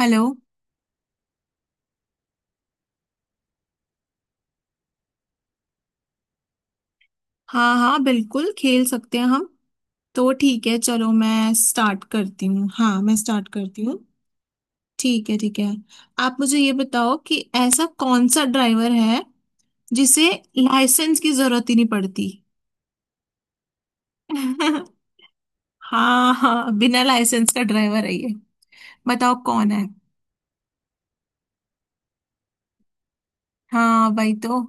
Hello. हाँ हाँ बिल्कुल खेल सकते हैं हम। तो ठीक है चलो मैं स्टार्ट करती हूँ। हाँ मैं स्टार्ट करती हूँ। ठीक है ठीक है। आप मुझे ये बताओ कि ऐसा कौन सा ड्राइवर है जिसे लाइसेंस की जरूरत ही नहीं पड़ती। हाँ हाँ बिना लाइसेंस का ड्राइवर है ये। बताओ कौन है। हाँ भाई तो।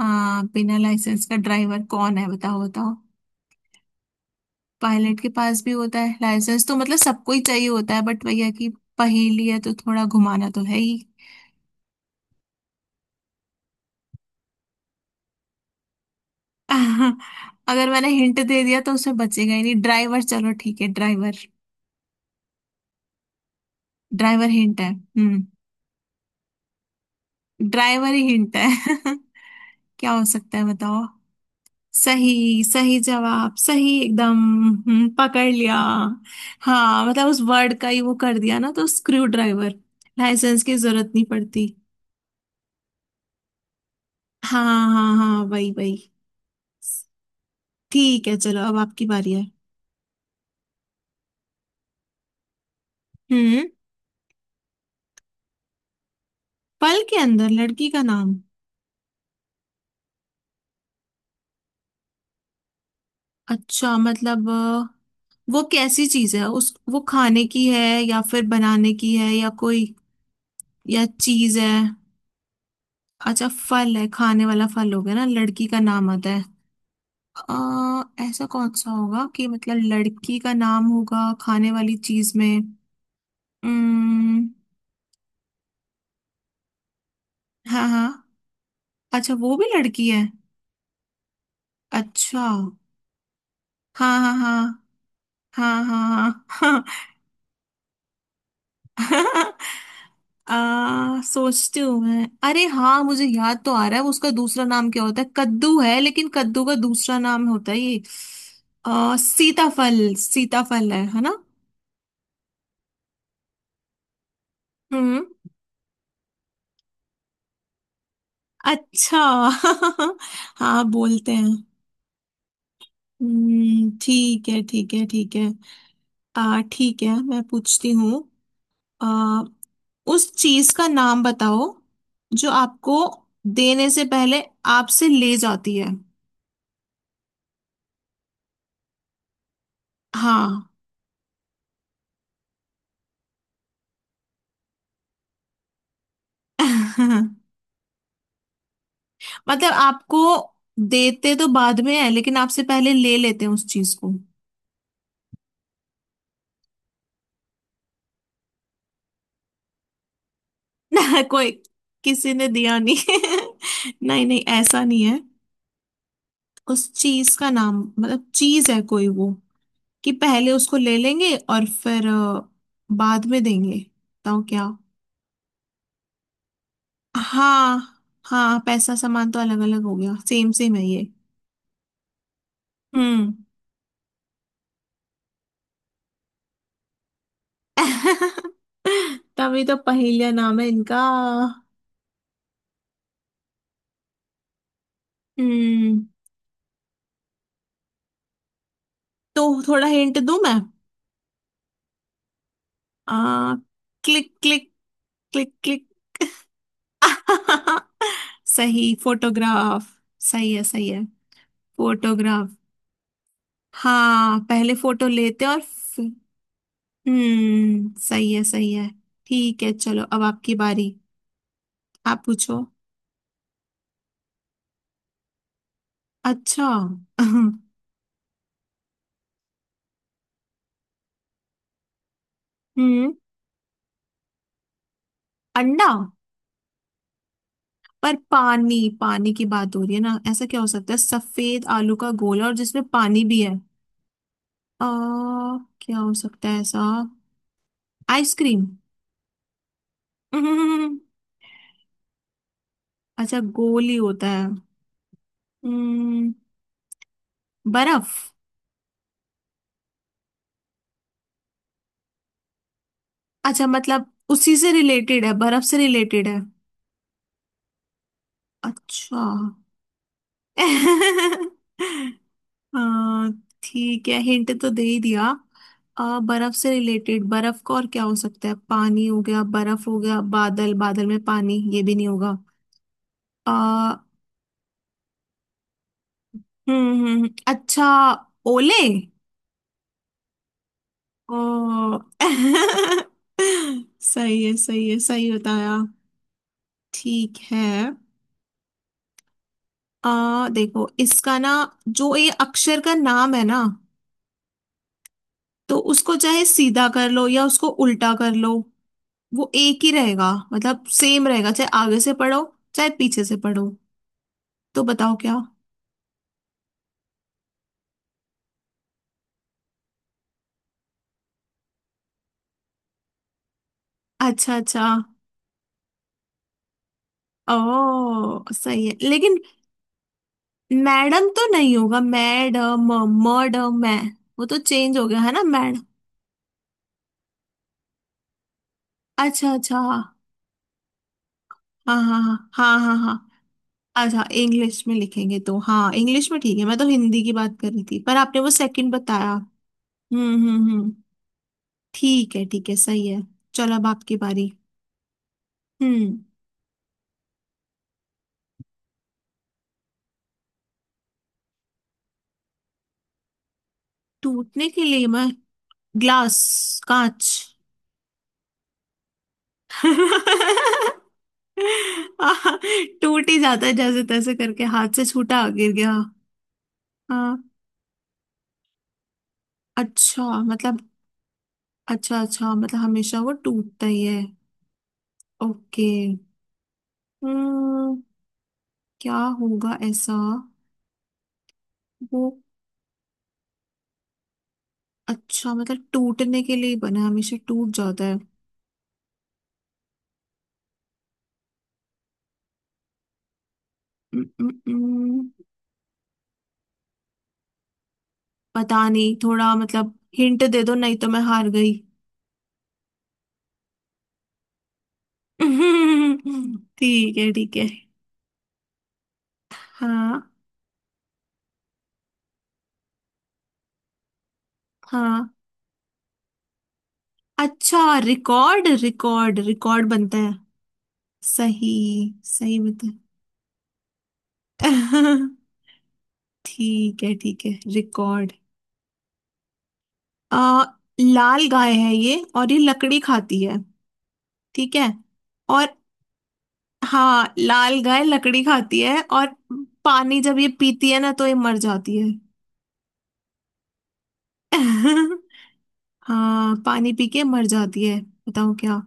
हाँ बिना लाइसेंस का ड्राइवर कौन है बताओ बताओ। पायलट के पास भी होता है लाइसेंस, तो मतलब सबको ही चाहिए होता है। बट भैया की पहेली है तो थोड़ा घुमाना तो है ही। अगर मैंने हिंट दे दिया तो उसमें बचेगा ही नहीं। ड्राइवर, चलो ठीक है ड्राइवर। ड्राइवर हिंट है। हम्म। ड्राइवर ही हिंट है। क्या हो सकता है बताओ। सही सही, जवाब सही एकदम। पकड़ लिया। हाँ मतलब उस वर्ड का ही वो कर दिया ना, तो स्क्रू ड्राइवर। लाइसेंस की जरूरत नहीं पड़ती। हाँ हाँ हाँ वही वही। ठीक है चलो अब आपकी बारी है। हम्म। पल के अंदर लड़की का नाम। अच्छा मतलब वो कैसी चीज है उस वो खाने की है या फिर बनाने की है या कोई या चीज है। अच्छा फल है, खाने वाला फल हो गया ना, लड़की का नाम आता है। आ, ऐसा कौन सा होगा कि मतलब लड़की का नाम होगा खाने वाली चीज में। हम्म। हाँ हाँ, अच्छा वो भी लड़की है। अच्छा। हाँ हाँ हाँ हाँ हाँ हाँ। आ, सोचती हूँ मैं। अरे हाँ मुझे याद तो आ रहा है उसका दूसरा नाम क्या होता है कद्दू है, लेकिन कद्दू का दूसरा नाम होता है ये। सीताफल, सीताफल है ना। हम्म। अच्छा। हाँ बोलते हैं। ठीक है ठीक है ठीक है। आ ठीक है मैं पूछती हूँ। आ उस चीज का नाम बताओ जो आपको देने से पहले आपसे ले जाती है। हाँ। मतलब आपको देते तो बाद में है, लेकिन आपसे पहले ले लेते हैं उस चीज को। कोई किसी ने दिया नहीं। नहीं नहीं ऐसा नहीं है। उस चीज का नाम, मतलब चीज है कोई वो कि पहले उसको ले लेंगे और फिर बाद में देंगे। बताओ क्या। हाँ हाँ पैसा सामान तो अलग अलग हो गया, सेम सेम है ये। हम्म। तभी तो पहेलिया नाम है इनका। हम्म। तो थोड़ा हिंट दूं मैं। आ, क्लिक क्लिक, क्लिक क्लिक। सही फोटोग्राफ। सही है सही है। फोटोग्राफ। हाँ पहले फोटो लेते और फिर- सही है सही है। ठीक है चलो अब आपकी बारी। आप पूछो। अच्छा। हम्म। अंडा। पर पानी, पानी की बात हो रही है ना, ऐसा क्या हो सकता है सफेद आलू का गोला और जिसमें पानी भी है। आ, क्या हो सकता है ऐसा। आइसक्रीम। हम्म। अच्छा गोली होता है। हम्म। बर्फ। अच्छा मतलब उसी से रिलेटेड है, बर्फ से रिलेटेड है। अच्छा। हाँ। ठीक है हिंट तो दे ही दिया। बर्फ से रिलेटेड, बर्फ का और क्या हो सकता है। पानी हो गया, बर्फ हो गया, बादल, बादल में पानी ये भी नहीं होगा। आ, अच्छा। ओले। ओ। सही है सही है सही बताया। ठीक है। आ देखो इसका ना जो ये अक्षर का नाम है ना तो उसको चाहे सीधा कर लो या उसको उल्टा कर लो, वो एक ही रहेगा, मतलब सेम रहेगा, चाहे आगे से पढ़ो चाहे पीछे से पढ़ो। तो बताओ क्या। अच्छा अच्छा। ओ सही है, लेकिन मैडम तो नहीं होगा, मैड म, मड मैं, वो तो चेंज हो गया है ना मैड। अच्छा अच्छा हाँ हाँ हाँ हाँ हाँ हाँ। अच्छा इंग्लिश में लिखेंगे तो हाँ इंग्लिश में ठीक है। मैं तो हिंदी की बात कर रही थी पर आपने वो सेकंड बताया। हम्म हम्म हम्म ठीक है सही है। चलो अब आपकी बारी। हम्म। टूटने के लिए मैं। ग्लास। कांच। आह, टूट ही जाता है जैसे तैसे करके हाथ से छूटा गिर गया। हाँ अच्छा मतलब। अच्छा अच्छा मतलब हमेशा वो टूटता ही है। ओके। हम्म क्या होगा ऐसा। वो अच्छा मतलब टूटने के लिए बना है, हमेशा टूट जाता है। उम, उम, उम, पता नहीं, थोड़ा मतलब हिंट दे दो नहीं तो मैं हार गई। ठीक है ठीक है। हाँ हाँ। अच्छा रिकॉर्ड, रिकॉर्ड रिकॉर्ड बनता है। सही। सही बता। ठीक है रिकॉर्ड। आ लाल गाय है ये और ये लकड़ी खाती है। ठीक है। और हाँ लाल गाय लकड़ी खाती है और पानी जब ये पीती है ना तो ये मर जाती है। हाँ पानी पी के मर जाती है। बताओ क्या।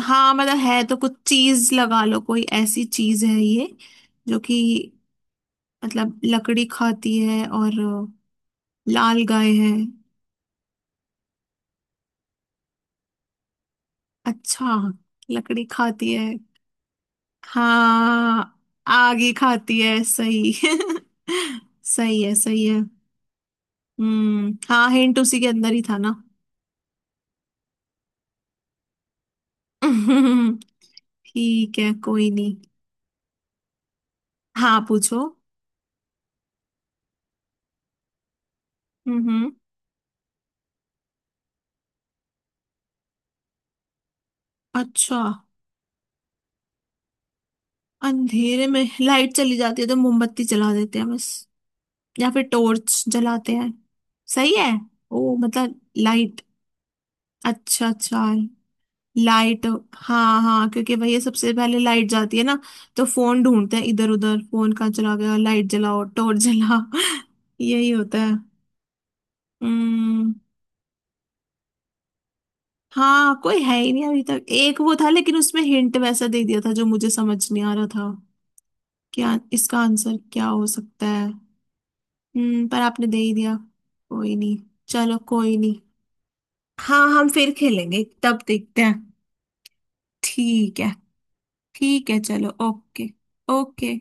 हाँ मतलब है तो कुछ चीज लगा लो। कोई ऐसी चीज है ये जो कि मतलब लकड़ी खाती है और लाल गाय है। अच्छा लकड़ी खाती है। हाँ आग ही खाती है सही। सही है सही है। हाँ हिंट उसी के अंदर ही था ना। ठीक है कोई नहीं। हाँ पूछो। हम्म। अच्छा अंधेरे में लाइट चली जाती है तो मोमबत्ती जला देते हैं बस, या फिर टॉर्च जलाते हैं। सही है। ओ मतलब लाइट। अच्छा अच्छा। लाइट। हाँ हाँ क्योंकि भैया सबसे पहले लाइट जाती है ना तो फोन ढूंढते हैं इधर उधर, फोन कहाँ चला गया लाइट जलाओ टॉर्च जला। यही होता है। हम्म। हाँ कोई है ही नहीं अभी तक। एक वो था, लेकिन उसमें हिंट वैसा दे दिया था जो मुझे समझ नहीं आ रहा था क्या इसका आंसर क्या हो सकता है। हम्म। पर आपने दे ही दिया। कोई नहीं, चलो कोई नहीं। हाँ हम फिर खेलेंगे तब देखते हैं। ठीक है ठीक है चलो ओके। ओके।